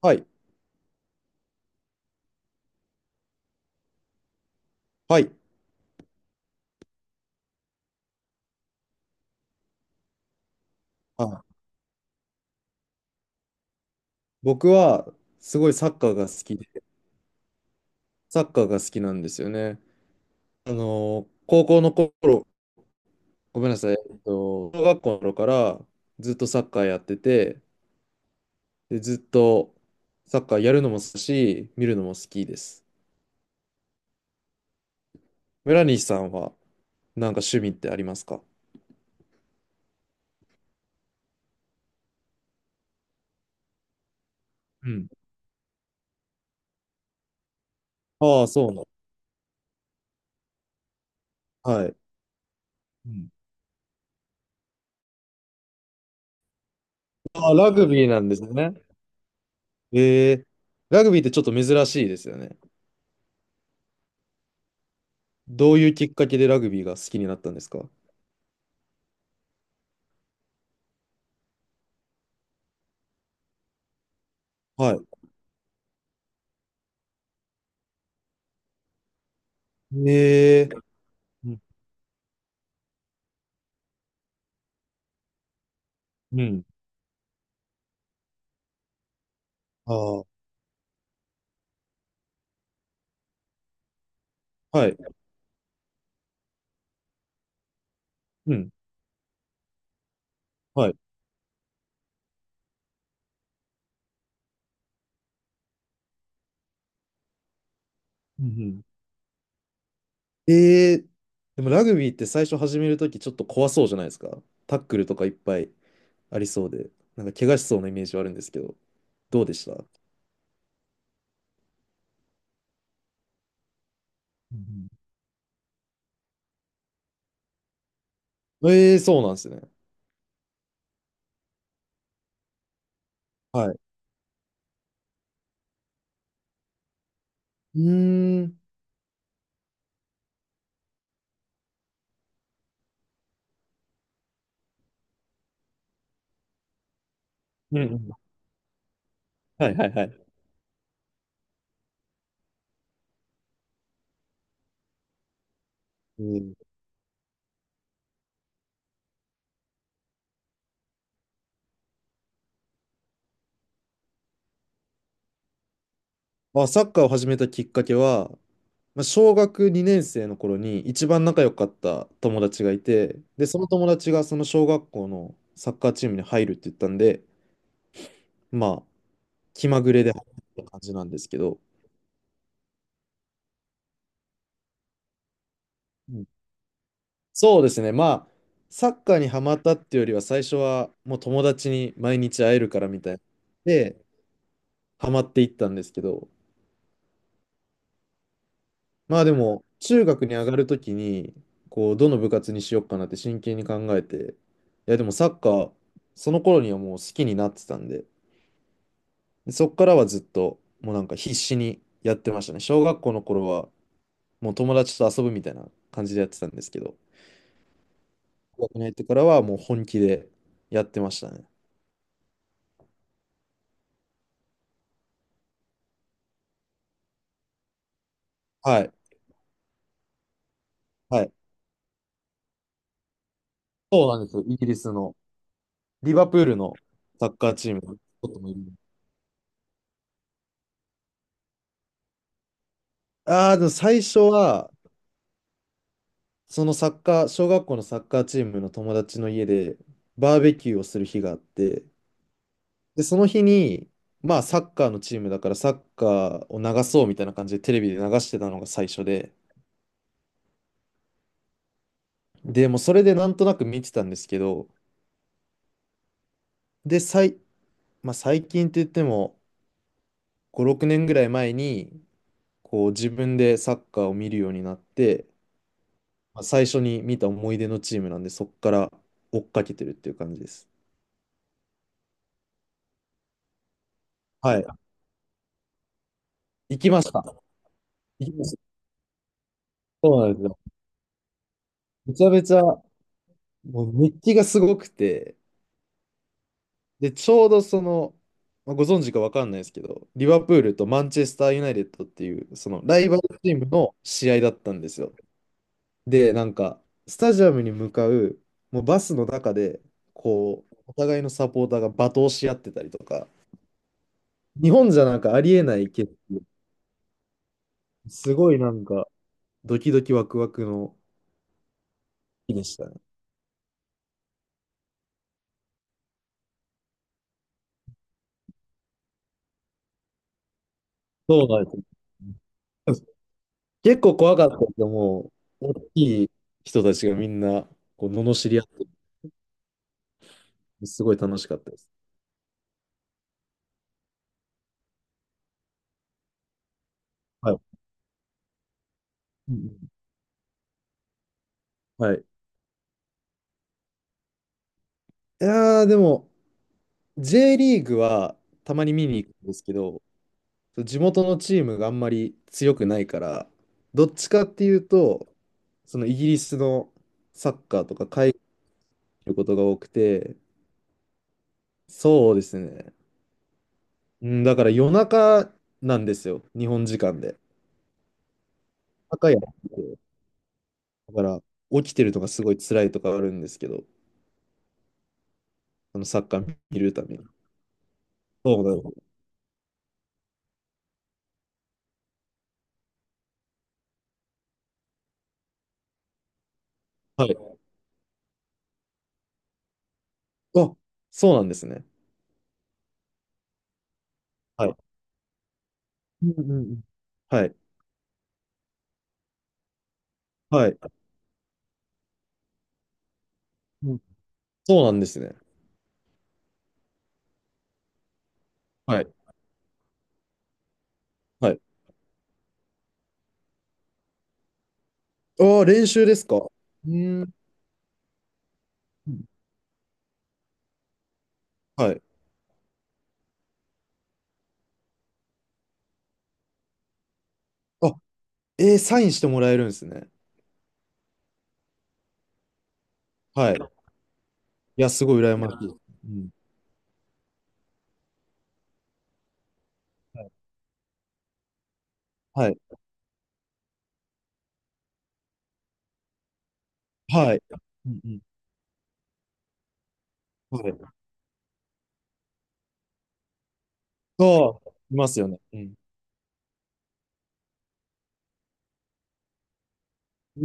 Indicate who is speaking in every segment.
Speaker 1: はい。はい。あ、僕は、すごいサッカーが好きで、サッカーが好きなんですよね。あの高校の頃、ごめんなさい、小学校の頃からずっとサッカーやってて、で、ずっとサッカーやるのも好きだし、見るのも好きです。村西さんは、なんか趣味ってありますか？うん。ああ、そうなの。はい。うん。ああ、ラグビーなんですね。えー、ラグビーってちょっと珍しいですよね。どういうきっかけでラグビーが好きになったんですか？はい。ええ。うん、うん。ああ、はい。うん、はい。うん、うん。ええ。でもラグビーって最初始めるときちょっと怖そうじゃないですか。タックルとかいっぱいありそうで、なんか怪我しそうなイメージはあるんですけど、どうでした？うんうん。ええ、そうなんですね。はい。うーん。うんうん。はいはいはい。うん、まあ、サッカーを始めたきっかけは、まあ小学2年生の頃に一番仲良かった友達がいて、で、その友達がその小学校のサッカーチームに入るって言ったんで、まあ、気まぐれで入った感じなんですけど、うん。そうですね、まあ、サッカーにハマったっていうよりは、最初はもう友達に毎日会えるからみたいな。で、ハマっていったんですけど、まあでも、中学に上がるときに、こう、どの部活にしようかなって真剣に考えて、いや、でもサッカー、その頃にはもう好きになってたんで、でそっからはずっと、もうなんか必死にやってましたね。小学校の頃は、もう友達と遊ぶみたいな感じでやってたんですけど、高校に入ってからはもう本気でやってましたね。はい。はい。そうなんですよ。イギリスの、リバプールのサッカーチームのこともいる。ああ、でも最初は、そのサッカー、小学校のサッカーチームの友達の家で、バーベキューをする日があって、で、その日に、まあ、サッカーのチームだから、サッカーを流そうみたいな感じでテレビで流してたのが最初で、で、もうそれでなんとなく見てたんですけど、で、まあ、最近って言っても5、6年ぐらい前にこう自分でサッカーを見るようになって、まあ、最初に見た思い出のチームなんで、そこから追っかけてるっていう感じです。はい。行きました。行きました。そうなんですよ。めちゃめちゃ、もう熱気がすごくて、で、ちょうどその、まあ、ご存知かわかんないですけど、リバプールとマンチェスターユナイテッドっていう、そのライバルチームの試合だったんですよ。で、なんか、スタジアムに向かう、もうバスの中で、こう、お互いのサポーターが罵倒し合ってたりとか、日本じゃなんかありえないけど、すごいなんか、ドキドキワクワクの日でしたね。そうなんです。結構怖かったけど、もう、大きい人たちがみんな、こう、罵り合って、すごい楽しかったです。はい。うんうん。はい。いやー、でも、J リーグはたまに見に行くんですけど、そう地元のチームがあんまり強くないから、どっちかっていうと、そのイギリスのサッカーとか海外にいることが多くて、そうですね。うん、だから夜中なんですよ、日本時間で。夜中やってて、だから起きてるのがすごい辛いとかあるんですけど、あのサッカー見るために。そうなの。はい。あ、そうなんですね。はい。うんうんうん。はい。はい。うん。そうなんですね。はい。はい。ああ、練習ですか。うん。はい。あ、えー、サインしてもらえるんですね。はい。いや、すごい羨ましい。うん。はい。はい。うんうん。はい。そう、いますよね。うん。え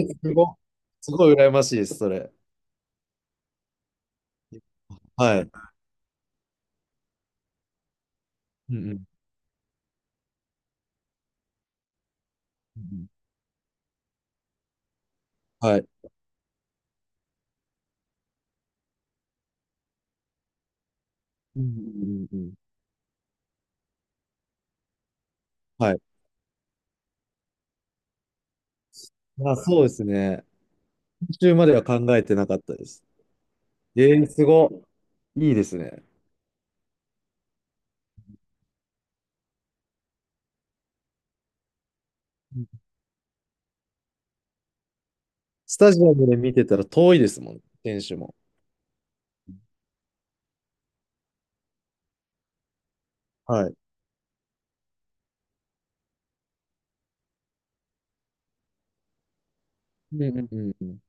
Speaker 1: え。すごい。すごい羨ましいです、それ。はい。うんうん。うんうん。はい。うんうんうんうん。はい。あ、そうですね。途中までは考えてなかったです。ええ。すごい。いいですね。うん。スタジアムで見てたら遠いですもん、選手も。はい。うんうんうんうん。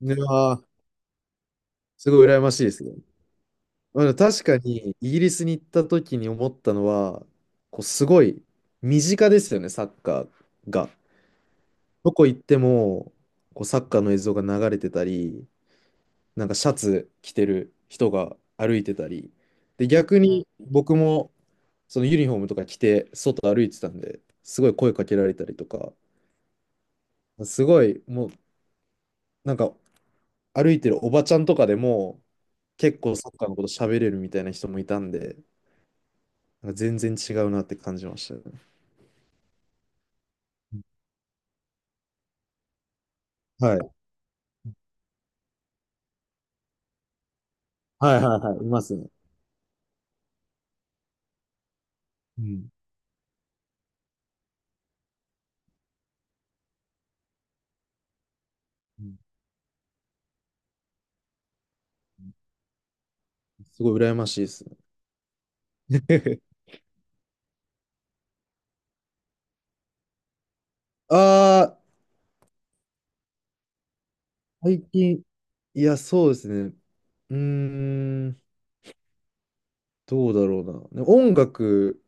Speaker 1: いやー、すごい羨ましいですね。うん。確かに、イギリスに行った時に思ったのは、こうすごい身近ですよね、サッカーが。どこ行っても、こうサッカーの映像が流れてたり、なんかシャツ着てる人が歩いてたり。で、逆に僕もそのユニフォームとか着て外歩いてたんで、すごい声かけられたりとか、すごいもうなんか歩いてるおばちゃんとかでも結構サッカーのこと喋れるみたいな人もいたんで、なんか全然違うなって感じましたね。はい。はいはいはい。いますね。うん。うん。すごい羨ましいですね。ああ、最近、いや、そうですね。うーん、どうだろうな。ね、音楽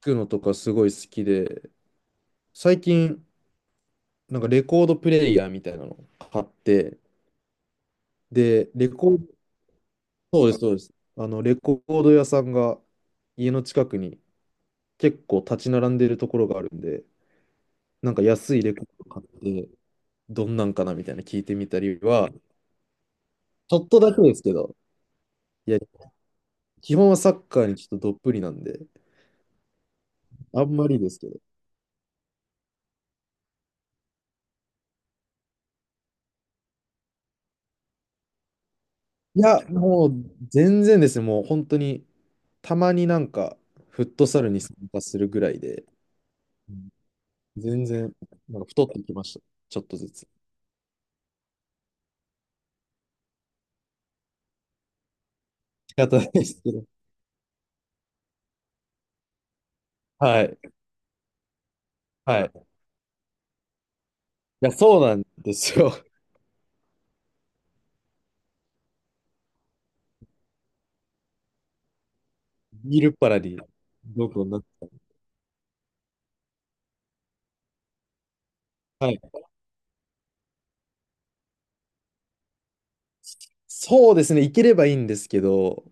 Speaker 1: 聴くのとかすごい好きで、最近、なんかレコードプレイヤーみたいなの買って、で、レコード、そうです、そうです。あの、レコード屋さんが家の近くに結構立ち並んでるところがあるんで、なんか安いレコード買って、どんなんかなみたいな聞いてみたりは、ちょっとだけですけど、いや、基本はサッカーにちょっとどっぷりなんで、あんまりですけど。いや、もう全然ですね、もう本当に、たまになんか、フットサルに参加するぐらいで、うん。全然、なんか太ってきました。ちょっとずつ。仕方ないですけど。はい。はい。いや、そうなんですよ。見るっぱらに、どこになって、はい。そうですね、行ければいいんですけど、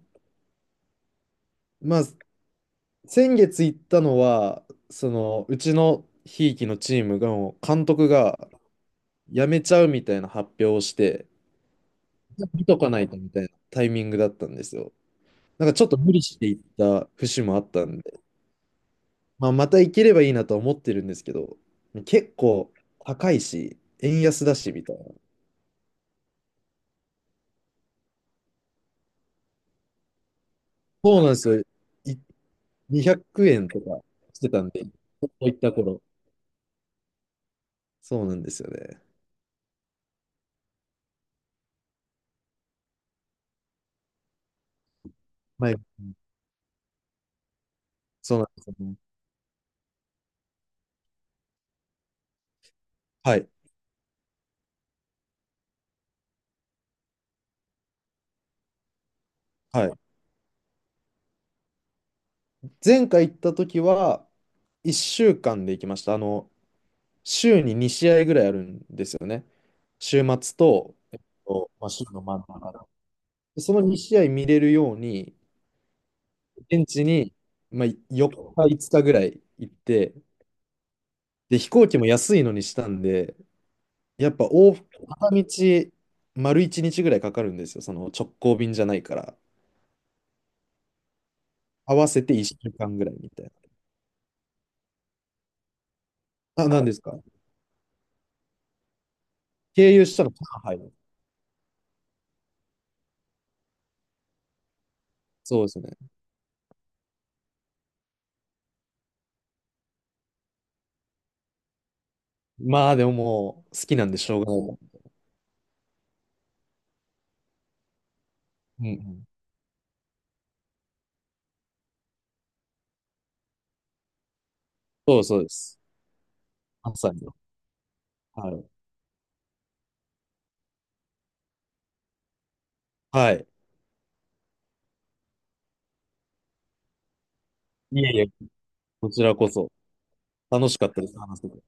Speaker 1: まあ、先月行ったのは、その、うちのひいきのチームが、監督が辞めちゃうみたいな発表をして、見とかないとみたいなタイミングだったんですよ。なんかちょっと無理して行った節もあったんで、まあ、また行ければいいなとは思ってるんですけど、結構高いし、円安だしみたいな。そうなんですよ。い200円とかしてたんで、ここ行った頃。そうなんですよね。はい。そうなんですよね。はい。はい。前回行った時は、1週間で行きました。あの、週に2試合ぐらいあるんですよね。週末と、まあ、週の真ん中だ。でその2試合見れるように、現地に、まあ、4日、5日ぐらい行って、で、飛行機も安いのにしたんで、やっぱ往復、片道、丸1日ぐらいかかるんですよ。その直行便じゃないから。合わせて1週間ぐらいみたいな。あ、なんですか？経由したの、上海。そうですね。まあでももう好きなんでしょうがないもん。うんうん。そうそうです。まさに。はい。はい。いえいえ、こちらこそ楽しかったです。話せて